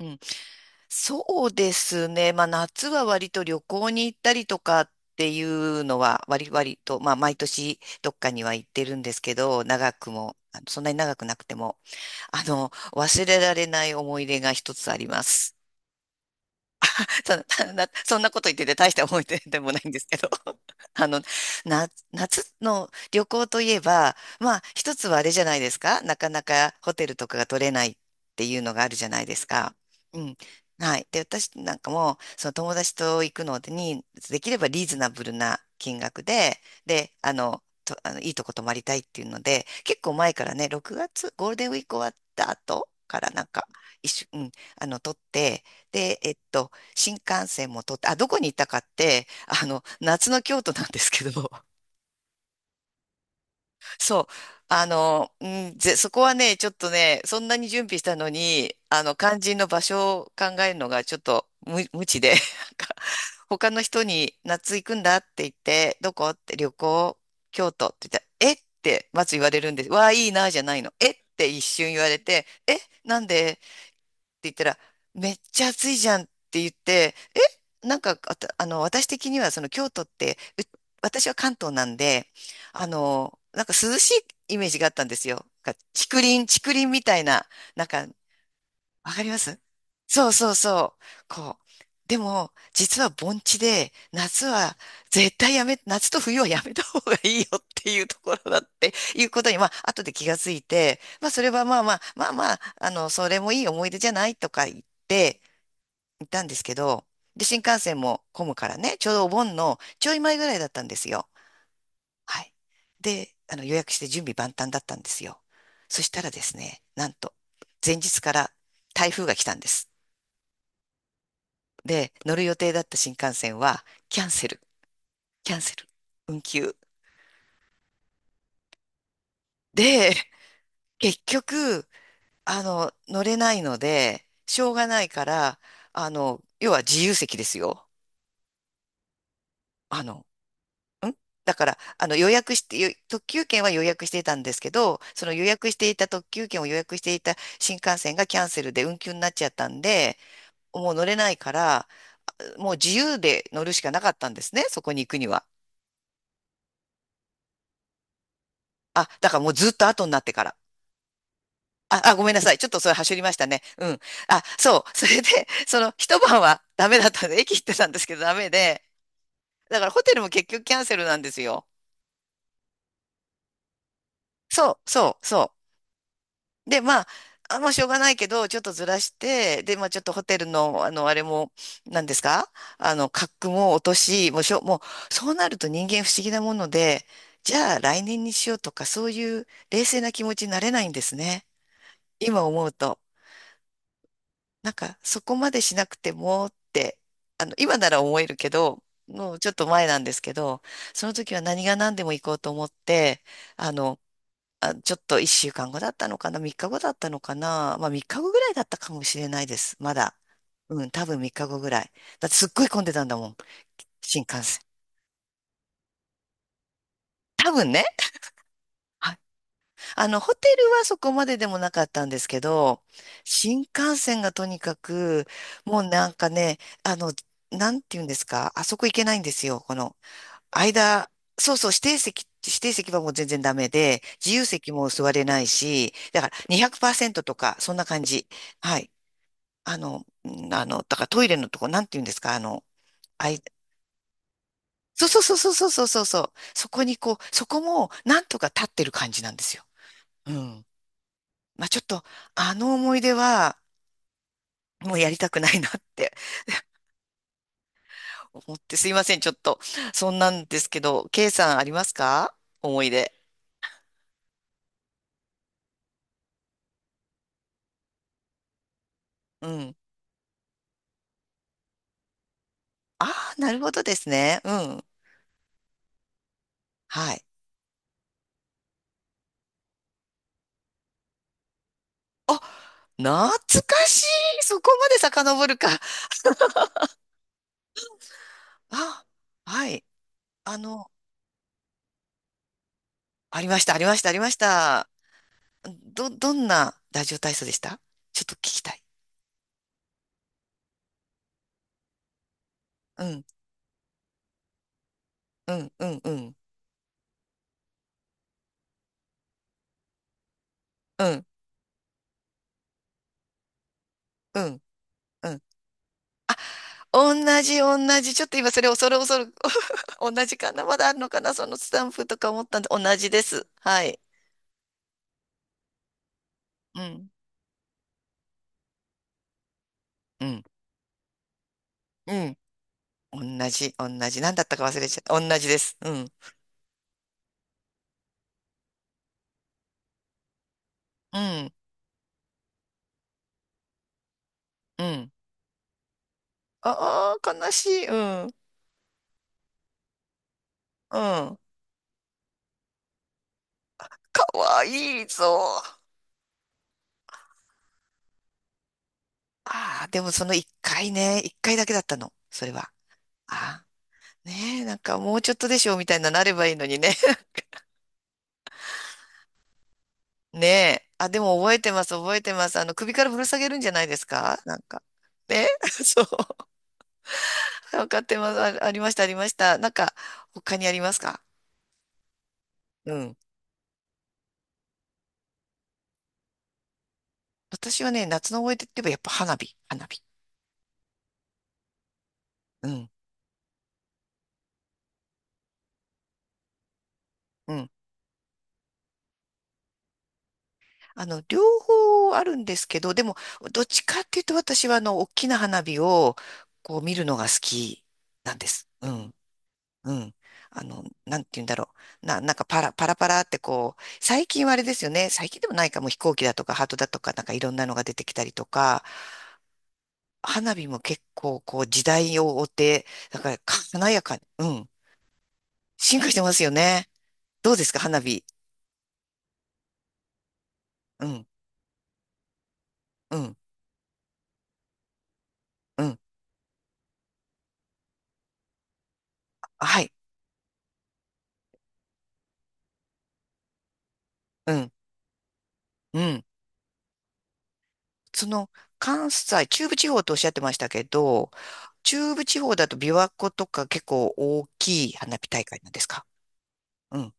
うん、そうですね。まあ、夏は割と旅行に行ったりとかっていうのは割と、まあ、毎年どっかには行ってるんですけど、長くも、そんなに長くなくても、忘れられない思い出が一つあります。そんなこと言ってて大した思い出でもないんですけど あの、夏の旅行といえば、まあ、一つはあれじゃないですか。なかなかホテルとかが取れないっていうのがあるじゃないですか。うん。はい。で、私なんかも、その友達と行くのに、できればリーズナブルな金額で、で、あの、と、あの、いいとこ泊まりたいっていうので、結構前からね、6月、ゴールデンウィーク終わった後からなんか、うん、取って、で、新幹線も通って、あ、どこに行ったかって、夏の京都なんですけど、そう、あの、うんぜ、そこはね、ちょっとね、そんなに準備したのに、肝心の場所を考えるのがちょっと無知で、なんか、他の人に夏行くんだって言って、どこって京都って言ったら、えってまず言われるんです。わあ、いいな、じゃないの。えって一瞬言われて、え、なんで言ったら、めっちゃ暑いじゃんって言って、え、なんか、あた、あの、私的にはその京都って、私は関東なんで、なんか涼しいイメージがあったんですよ。なんか竹林、竹林みたいな、なんかわかります？そうそうそう。こう。でも、実は盆地で、夏と冬はやめた方がいいよっていうところだっていうことに、まあ、後で気がついて、まあ、それはまあまあ、それもいい思い出じゃないとか言って、行ったんですけど、で、新幹線も混むからね、ちょうどお盆のちょい前ぐらいだったんですよ。はい。で、予約して準備万端だったんですよ。そしたらですね、なんと、前日から台風が来たんです。で、乗る予定だった新幹線は、キャンセル、キャンセル、運休。で、結局、乗れないので、しょうがないから、要は自由席ですよ。あの、んだから、予約して、特急券は予約していたんですけど、その予約していた特急券を予約していた新幹線がキャンセルで運休になっちゃったんで、もう乗れないから、もう自由で乗るしかなかったんですね、そこに行くには。あ、だからもうずっと後になってから。あ、ごめんなさい。ちょっとそれ、はりましたね。うん。あ、そう。それで、一晩はダメだったんで、駅行ってたんですけど、ダメで。だから、ホテルも結局キャンセルなんですよ。そう、そう、そう。で、まあ、あ、もうしょうがないけど、ちょっとずらして、で、まあ、ちょっとホテルの、あれも、何ですか？格も落とし、もうしょ、もう、そうなると人間不思議なもので、じゃあ、来年にしようとか、そういう冷静な気持ちになれないんですね。今思うと。なんか、そこまでしなくてもって、今なら思えるけど、もうちょっと前なんですけど、その時は何が何でも行こうと思って、あの、あ、ちょっと1週間後だったのかな、3日後だったのかな、まあ3日後ぐらいだったかもしれないです、まだ。うん、多分3日後ぐらい。だってすっごい混んでたんだもん、新幹線。多分ね。ホテルはそこまででもなかったんですけど、新幹線がとにかく、もうなんかね、あの、なんて言うんですか、あそこ行けないんですよ。この、間、そうそう、指定席はもう全然ダメで、自由席も座れないし、だから200%とか、そんな感じ。はい。だからトイレのとこ、なんて言うんですか、あの、あい、そうそうそうそうそうそうそう、そこにこう、そこも、なんとか立ってる感じなんですよ。うん。まあ、ちょっと、あの思い出は、もうやりたくないなって 思って、すいません、ちょっと、そんなんですけど、K さん、ありますか？思い出。うん。ああ、なるほどですね。うん。はい。あ、懐かしい。そこまで遡るか。あ、はい。あの、ありました、ありました、ありました。どんなラジオ体操でした？ちょっと聞きたい。うん、うん、うん、うん、うん、うん。うん。同じ、同じ。ちょっと今それ恐る恐る 同じかな、まだあるのかな、そのスタンプとか思ったんで、同じです。はい。うん。うん。うん。同じ、同じ。何だったか忘れちゃった。同じです。うん。うん。うん。ああ、悲しい。うん。うん。かわいいぞ。ああ、でもその一回ね、一回だけだったの？それは。ああ。ねえ、なんかもうちょっとでしょみたいな、なればいいのにね。ねえ。あ、でも覚えてます、覚えてます。首からぶら下げるんじゃないですか？なんか。ね そう。わかってます。あ、ありました、ありました。なんか、他にありますか？うん。私はね、夏の思い出って言えばやっぱ花火、花火。うん。うん。両方あるんですけど、でも、どっちかっていうと私は大きな花火を、こう見るのが好きなんです。うん。うん。なんて言うんだろう。なんかパラパラってこう、最近はあれですよね。最近でもないかも飛行機だとかハートだとかなんかいろんなのが出てきたりとか、花火も結構こう時代を追って、なんか華やかに、うん。進化してますよね。どうですか、花火。うん、うん、うん。はい、うん、うん。その、関西、中部地方とおっしゃってましたけど、中部地方だと琵琶湖とか結構大きい花火大会なんですか？うん、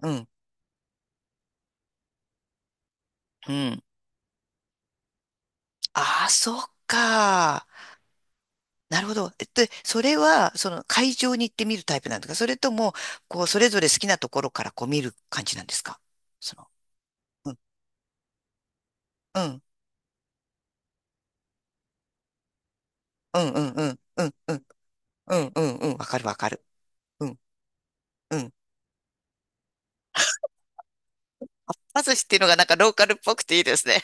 うん、うん。ああ、そっか。なるほど。それは、その会場に行ってみるタイプなんですか？それとも、こう、それぞれ好きなところからこう見る感じなんですか？その、うん、うん、うん、うん、うん、うん、うん、うん、うん、うん。わかる、わかる。うん、うん。パスっていうのがなんかローカルっぽくていいですね。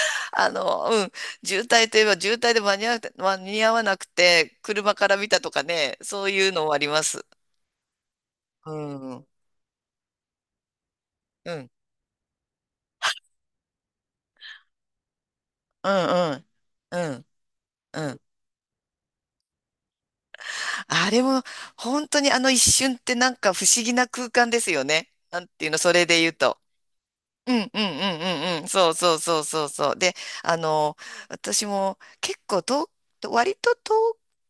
うん。渋滞といえば渋滞で間に合わなくて、間に合わなくて、車から見たとかね、そういうのもあります。うん、うん、うん、うん、うん、うん。あれも、本当にあの一瞬ってなんか不思議な空間ですよね。なんていうの、それで言うと。うんうんうんうんうん。そうそうそうそうそう。で、あの、私も結構遠く、割と遠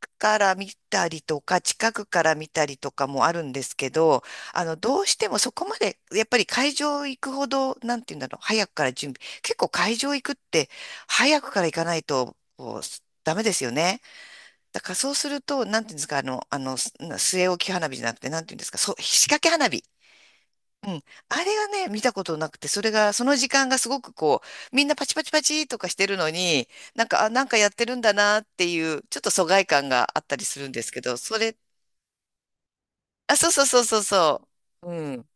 くから見たりとか、近くから見たりとかもあるんですけど、どうしてもそこまで、やっぱり会場行くほど、なんていうんだろう、早くから準備。結構会場行くって、早くから行かないと、こう、ダメですよね。だからそうすると、なんていうんですか、据え置き花火じゃなくて、なんていうんですか、そう、仕掛け花火。うん。あれがね、見たことなくて、その時間がすごくこう、みんなパチパチパチとかしてるのに、なんか、あ、なんかやってるんだなっていう、ちょっと疎外感があったりするんですけど、あ、そうそうそうそうそう。うん。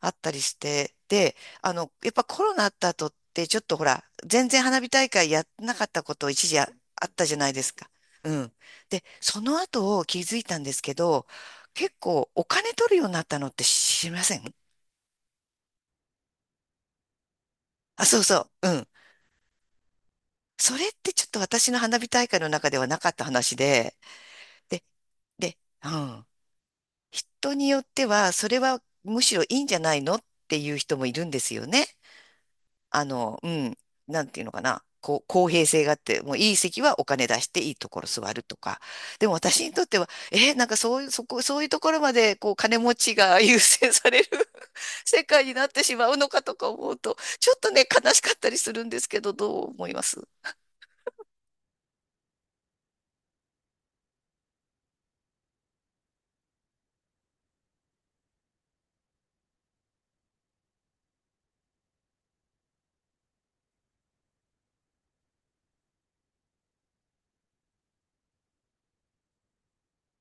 あったりして、で、やっぱコロナあった後って、ちょっとほら、全然花火大会やんなかったこと一時あったじゃないですか。うん。で、その後気づいたんですけど、結構お金取るようになったのって知りません？あ、そうそう。うん。それってちょっと私の花火大会の中ではなかった話で、で、で、うん。人によっては、それはむしろいいんじゃないのっていう人もいるんですよね。うん、なんていうのかな、こう、公平性があって、もういい席はお金出していいところ座るとか。でも私にとっては、なんかそういう、そこ、そういうところまで、こう、金持ちが優先される 世界になってしまうのかとか思うと、ちょっとね、悲しかったりするんですけど、どう思います？